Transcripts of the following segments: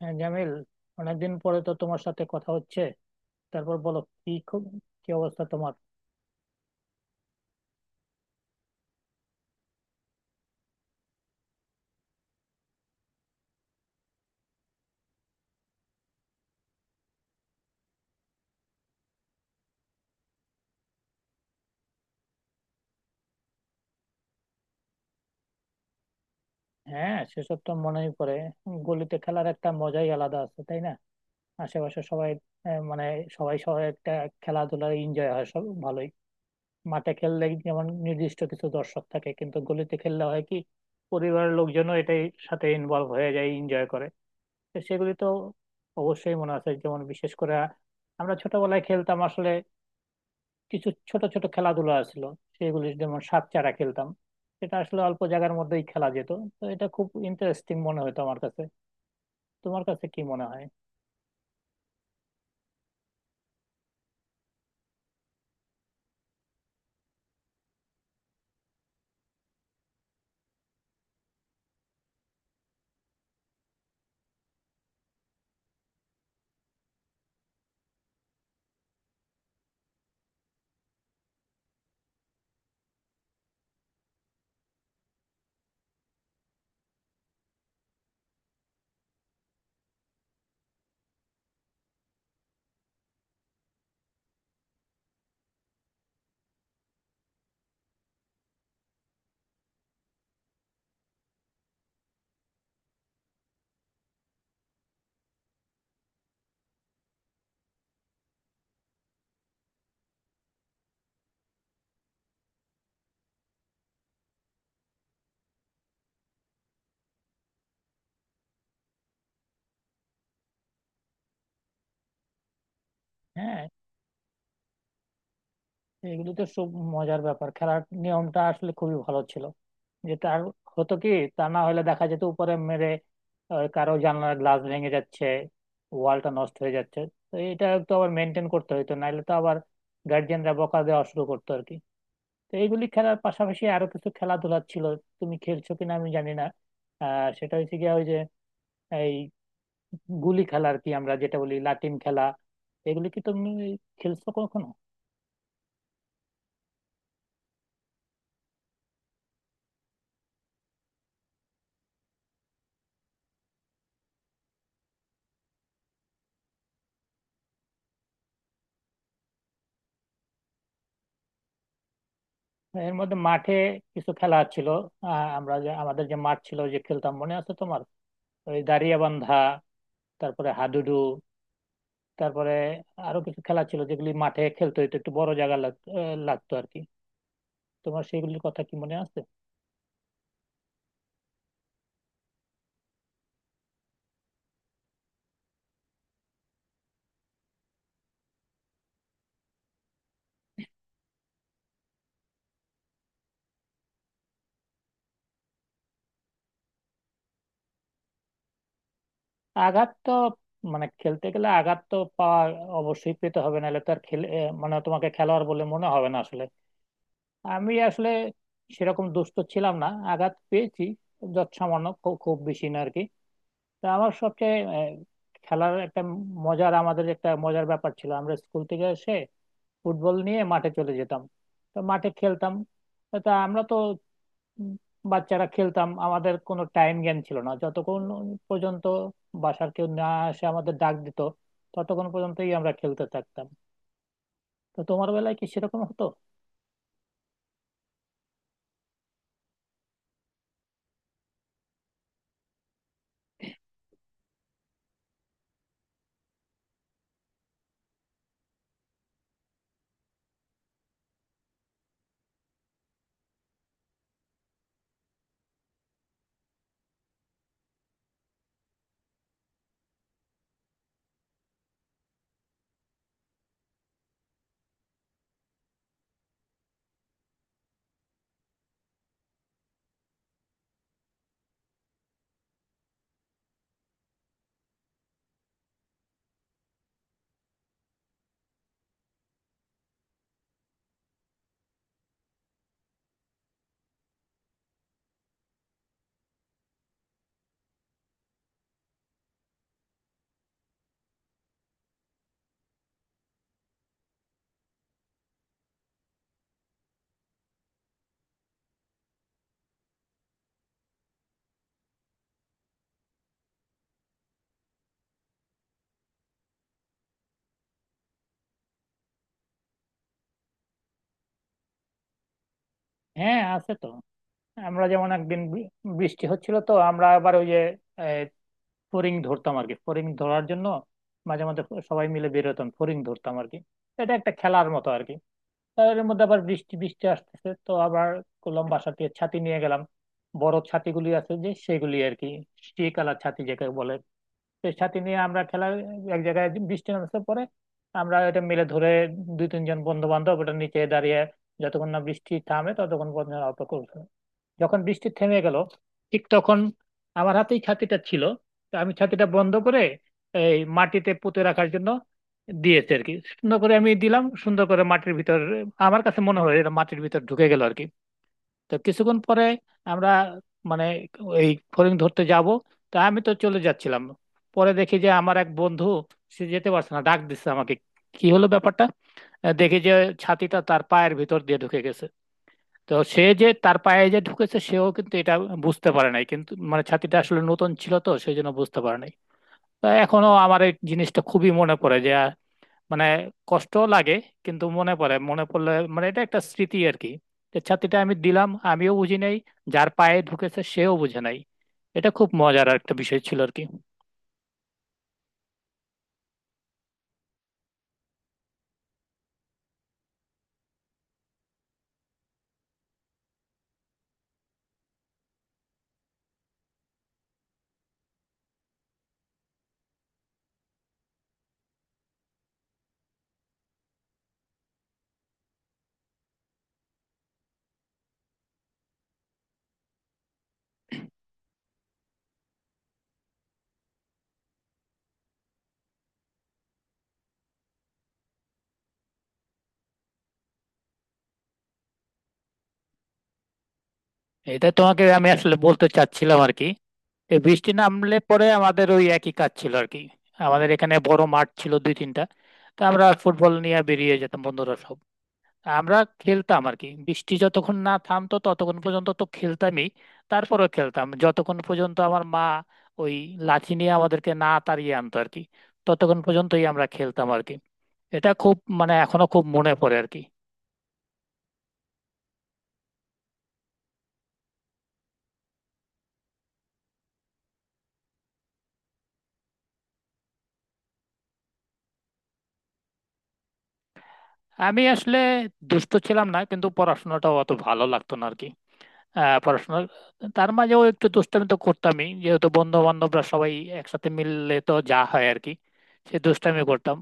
হ্যাঁ জামিল, অনেকদিন পরে তো তোমার সাথে কথা হচ্ছে। তারপর বলো, কি খব- কি অবস্থা তোমার। হ্যাঁ, সেসব তো মনেই পড়ে। গলিতে খেলার একটা মজাই আলাদা আছে, তাই না? আশেপাশে সবাই মানে সবাই সবাই একটা খেলাধুলার এনজয় হয়, সব ভালোই। মাঠে খেললে যেমন নির্দিষ্ট কিছু দর্শক থাকে, কিন্তু গলিতে খেললে হয় কি, পরিবারের লোকজনও এটাই সাথে ইনভলভ হয়ে যায়, এনজয় করে। তো সেগুলি তো অবশ্যই মনে আছে। যেমন বিশেষ করে আমরা ছোটবেলায় খেলতাম আসলে কিছু ছোট ছোট খেলাধুলা আসলো, সেগুলো যেমন সাপ চাড়া খেলতাম। সেটা আসলে অল্প জায়গার মধ্যেই খেলা যেত, তো এটা খুব ইন্টারেস্টিং মনে হতো আমার কাছে। তোমার কাছে কি মনে হয়? হ্যাঁ, এগুলো তো সব মজার ব্যাপার। খেলার নিয়মটা আসলে খুবই ভালো ছিল, যে তার হতো কি, তা না হলে দেখা যেত উপরে মেরে কারো জানলার গ্লাস ভেঙে যাচ্ছে, ওয়ালটা নষ্ট হয়ে যাচ্ছে। তো এটা তো আবার মেনটেন করতে হতো, নাহলে তো আবার গার্জিয়ানরা বকা দেওয়া শুরু করতো আর কি। তো এইগুলি খেলার পাশাপাশি আরো কিছু খেলাধুলা ছিল, তুমি খেলছো কিনা আমি জানি না। আর সেটা হচ্ছে গিয়া ওই যে এই গুলি খেলা আর কি, আমরা যেটা বলি লাটিম খেলা। এগুলি কি তুমি খেলছো কখনো? এর মধ্যে মাঠে কিছু খেলা ছিল, আমরা যে আমাদের যে মাঠ ছিল যে খেলতাম, মনে আছে তোমার? ওই দাঁড়িয়া বান্ধা, তারপরে হাডুডু, তারপরে আরো কিছু খেলা ছিল যেগুলি মাঠে খেলতে হতো, একটু বড় জায়গা লাগতো আর কি। তোমার সেগুলির কথা কি মনে আছে? আঘাত তো, মানে খেলতে গেলে আঘাত তো পাওয়া অবশ্যই পেতে হবে, নাহলে তো আর খেলে মানে তোমাকে খেলোয়াড় বলে মনে হবে না আসলে। আমি আসলে সেরকম দুষ্ট ছিলাম না, আঘাত পেয়েছি যৎসামান্য, খুব বেশি না আর কি। তা আমার সবচেয়ে খেলার একটা মজার, আমাদের একটা মজার ব্যাপার ছিল, আমরা স্কুল থেকে এসে ফুটবল নিয়ে মাঠে চলে যেতাম। তো মাঠে খেলতাম, তা আমরা তো উম, বাচ্চারা খেলতাম, আমাদের কোনো টাইম জ্ঞান ছিল না। যতক্ষণ পর্যন্ত বাসার কেউ না এসে আমাদের ডাক দিত, ততক্ষণ পর্যন্তই আমরা খেলতে থাকতাম। তো তোমার বেলায় কি সেরকম হতো? হ্যাঁ, আছে তো। আমরা যেমন একদিন বৃষ্টি হচ্ছিল, তো আমরা আবার ওই যে আহ, ফড়িং ধরতাম আর কি। ফড়িং ধরার জন্য মাঝে মাঝে সবাই মিলে বের হতাম, ফড়িং ধরতাম আর কি, এটা একটা খেলার মতো আর কি। তার এর মধ্যে আবার বৃষ্টি বৃষ্টি আসতেছে, তো আবার করলাম বাসা থেকে ছাতি নিয়ে গেলাম। বড় ছাতিগুলি আছে যে, সেগুলি আর কি, কালার ছাতি যেটাকে বলে। তো ছাতি নিয়ে আমরা খেলা, এক জায়গায় বৃষ্টি নামছে, পরে আমরা এটা মিলে ধরে দুই তিনজন বন্ধু বান্ধব ওটা নিচে দাঁড়িয়ে যতক্ষণ না বৃষ্টি থামে ততক্ষণ পর্যন্ত অপেক্ষা করছে। যখন বৃষ্টি থেমে গেল, ঠিক তখন আমার হাতেই ছাতিটা ছিল, তো আমি ছাতিটা বন্ধ করে এই মাটিতে পুঁতে রাখার জন্য দিয়েছে আর কি। সুন্দর করে আমি দিলাম সুন্দর করে মাটির ভিতর, আমার কাছে মনে হয় এটা মাটির ভিতর ঢুকে গেল আর কি। তো কিছুক্ষণ পরে আমরা মানে এই ফড়িং ধরতে যাব, তা আমি তো চলে যাচ্ছিলাম, পরে দেখি যে আমার এক বন্ধু সে যেতে পারছে না, ডাক দিচ্ছে আমাকে, কি হলো ব্যাপারটা। দেখি যে ছাতিটা তার পায়ের ভিতর দিয়ে ঢুকে গেছে। তো সে যে তার পায়ে যে ঢুকেছে, সেও কিন্তু এটা বুঝতে পারে নাই, কিন্তু মানে ছাতিটা আসলে নতুন ছিল, তো সেই জন্য বুঝতে পারে নাই। তো এখনো আমার এই জিনিসটা খুবই মনে পড়ে, যে মানে কষ্ট লাগে, কিন্তু মনে পড়ে। মনে পড়লে মানে এটা একটা স্মৃতি আর কি, যে ছাতিটা আমি দিলাম, আমিও বুঝি নাই, যার পায়ে ঢুকেছে সেও বুঝে নাই, এটা খুব মজার একটা বিষয় ছিল আর কি। এটা তোমাকে আমি আসলে বলতে চাচ্ছিলাম আর কি, এই বৃষ্টি নামলে পরে আমাদের ওই একই কাজ ছিল আর কি। আমাদের এখানে বড় মাঠ ছিল দুই তিনটা, তো আমরা ফুটবল নিয়ে বেরিয়ে যেতাম বন্ধুরা সব। আমরা খেলতাম আর কি, বৃষ্টি যতক্ষণ না থামতো ততক্ষণ পর্যন্ত তো খেলতামই। তারপরেও খেলতাম যতক্ষণ পর্যন্ত আমার মা ওই লাঠি নিয়ে আমাদেরকে না তাড়িয়ে আনতো আর কি, ততক্ষণ পর্যন্তই আমরা খেলতাম আর কি। এটা খুব মানে এখনো খুব মনে পড়ে আর কি। আমি আসলে দুষ্ট ছিলাম না, কিন্তু পড়াশোনাটাও অত ভালো লাগতো না। আহ পড়াশোনা, তার মাঝেও একটু দুষ্টামি তো করতামই, যেহেতু বন্ধু বান্ধবরা সবাই একসাথে মিললে তো যা হয় আর কি, সে দুষ্টামি করতাম।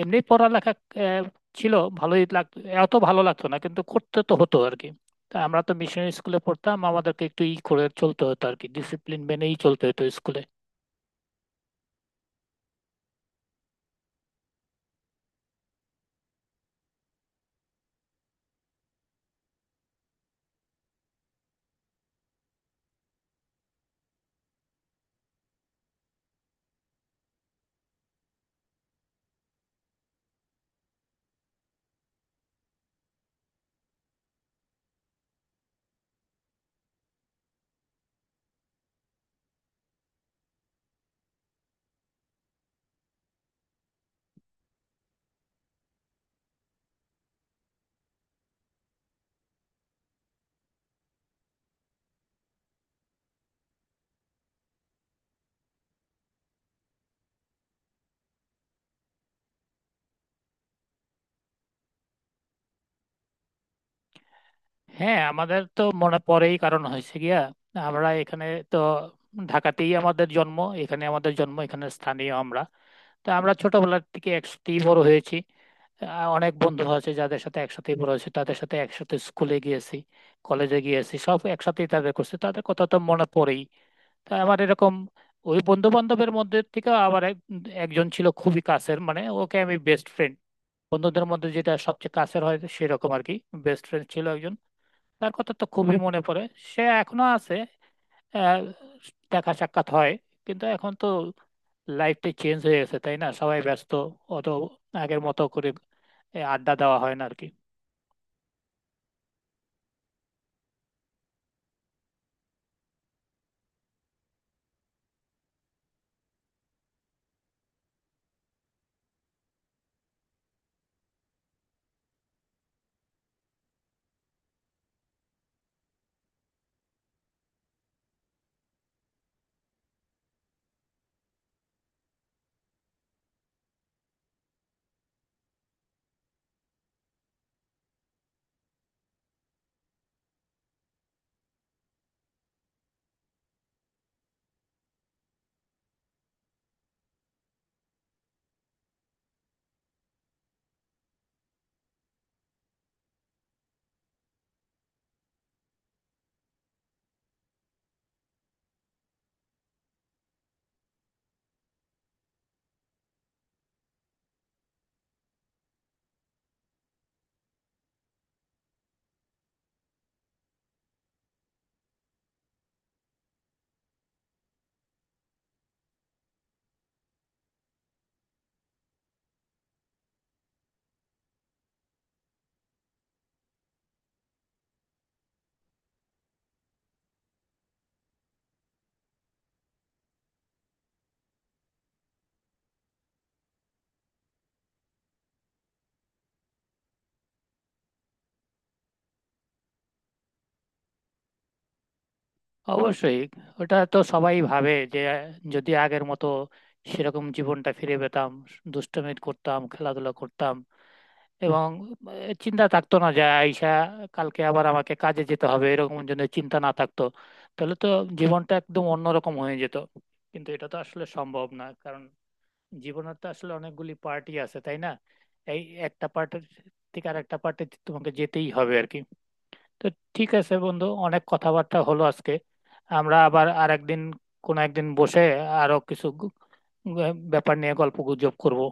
এমনি পড়ালেখা আহ, ছিল, ভালোই লাগতো। এত ভালো লাগতো না, কিন্তু করতে তো হতো আর কি। তা আমরা তো মিশনারি স্কুলে পড়তাম, আমাদেরকে একটু ই করে চলতে হতো আর কি, ডিসিপ্লিন মেনেই চলতে হতো স্কুলে। হ্যাঁ, আমাদের তো মনে পড়েই, কারণ হয়েছে গিয়া আমরা এখানে, তো ঢাকাতেই আমাদের জন্ম, এখানে আমাদের জন্ম, এখানে স্থানীয় আমরা। তো আমরা ছোটবেলার থেকে একসাথেই বড় হয়েছি। অনেক বন্ধু আছে যাদের সাথে একসাথে বড় হয়েছে, তাদের সাথে একসাথে স্কুলে গিয়েছি, কলেজে গিয়েছি, সব একসাথেই তাদের করছে, তাদের কথা তো মনে পড়েই। তা আমার এরকম ওই বন্ধু বান্ধবের মধ্যে থেকে আবার একজন ছিল খুবই কাছের, মানে ওকে আমি বেস্ট ফ্রেন্ড, বন্ধুদের মধ্যে যেটা সবচেয়ে কাছের হয় সেরকম আর কি, বেস্ট ফ্রেন্ড ছিল একজন। তার কথা তো খুবই মনে পড়ে, সে এখনো আছে, আহ, দেখা সাক্ষাৎ হয়। কিন্তু এখন তো লাইফটা চেঞ্জ হয়ে গেছে, তাই না? সবাই ব্যস্ত, অত আগের মতো করে আড্ডা দেওয়া হয় না আর কি। অবশ্যই, ওটা তো সবাই ভাবে যে যদি আগের মতো সেরকম জীবনটা ফিরে পেতাম, দুষ্টুমি করতাম, খেলাধুলা করতাম, এবং চিন্তা থাকতো না যে আইসা কালকে আবার আমাকে কাজে যেতে হবে, এরকম জন্য চিন্তা না থাকতো, তাহলে তো জীবনটা একদম অন্যরকম হয়ে যেত। কিন্তু এটা তো আসলে সম্ভব না, কারণ জীবনের তো আসলে অনেকগুলি পার্টি আছে, তাই না? এই একটা পার্টির থেকে আর একটা পার্টি তোমাকে যেতেই হবে আর কি। তো ঠিক আছে বন্ধু, অনেক কথাবার্তা হলো আজকে। আমরা আবার আরেকদিন, কোনো একদিন বসে আরো কিছু ব্যাপার নিয়ে গল্প গুজব করবো।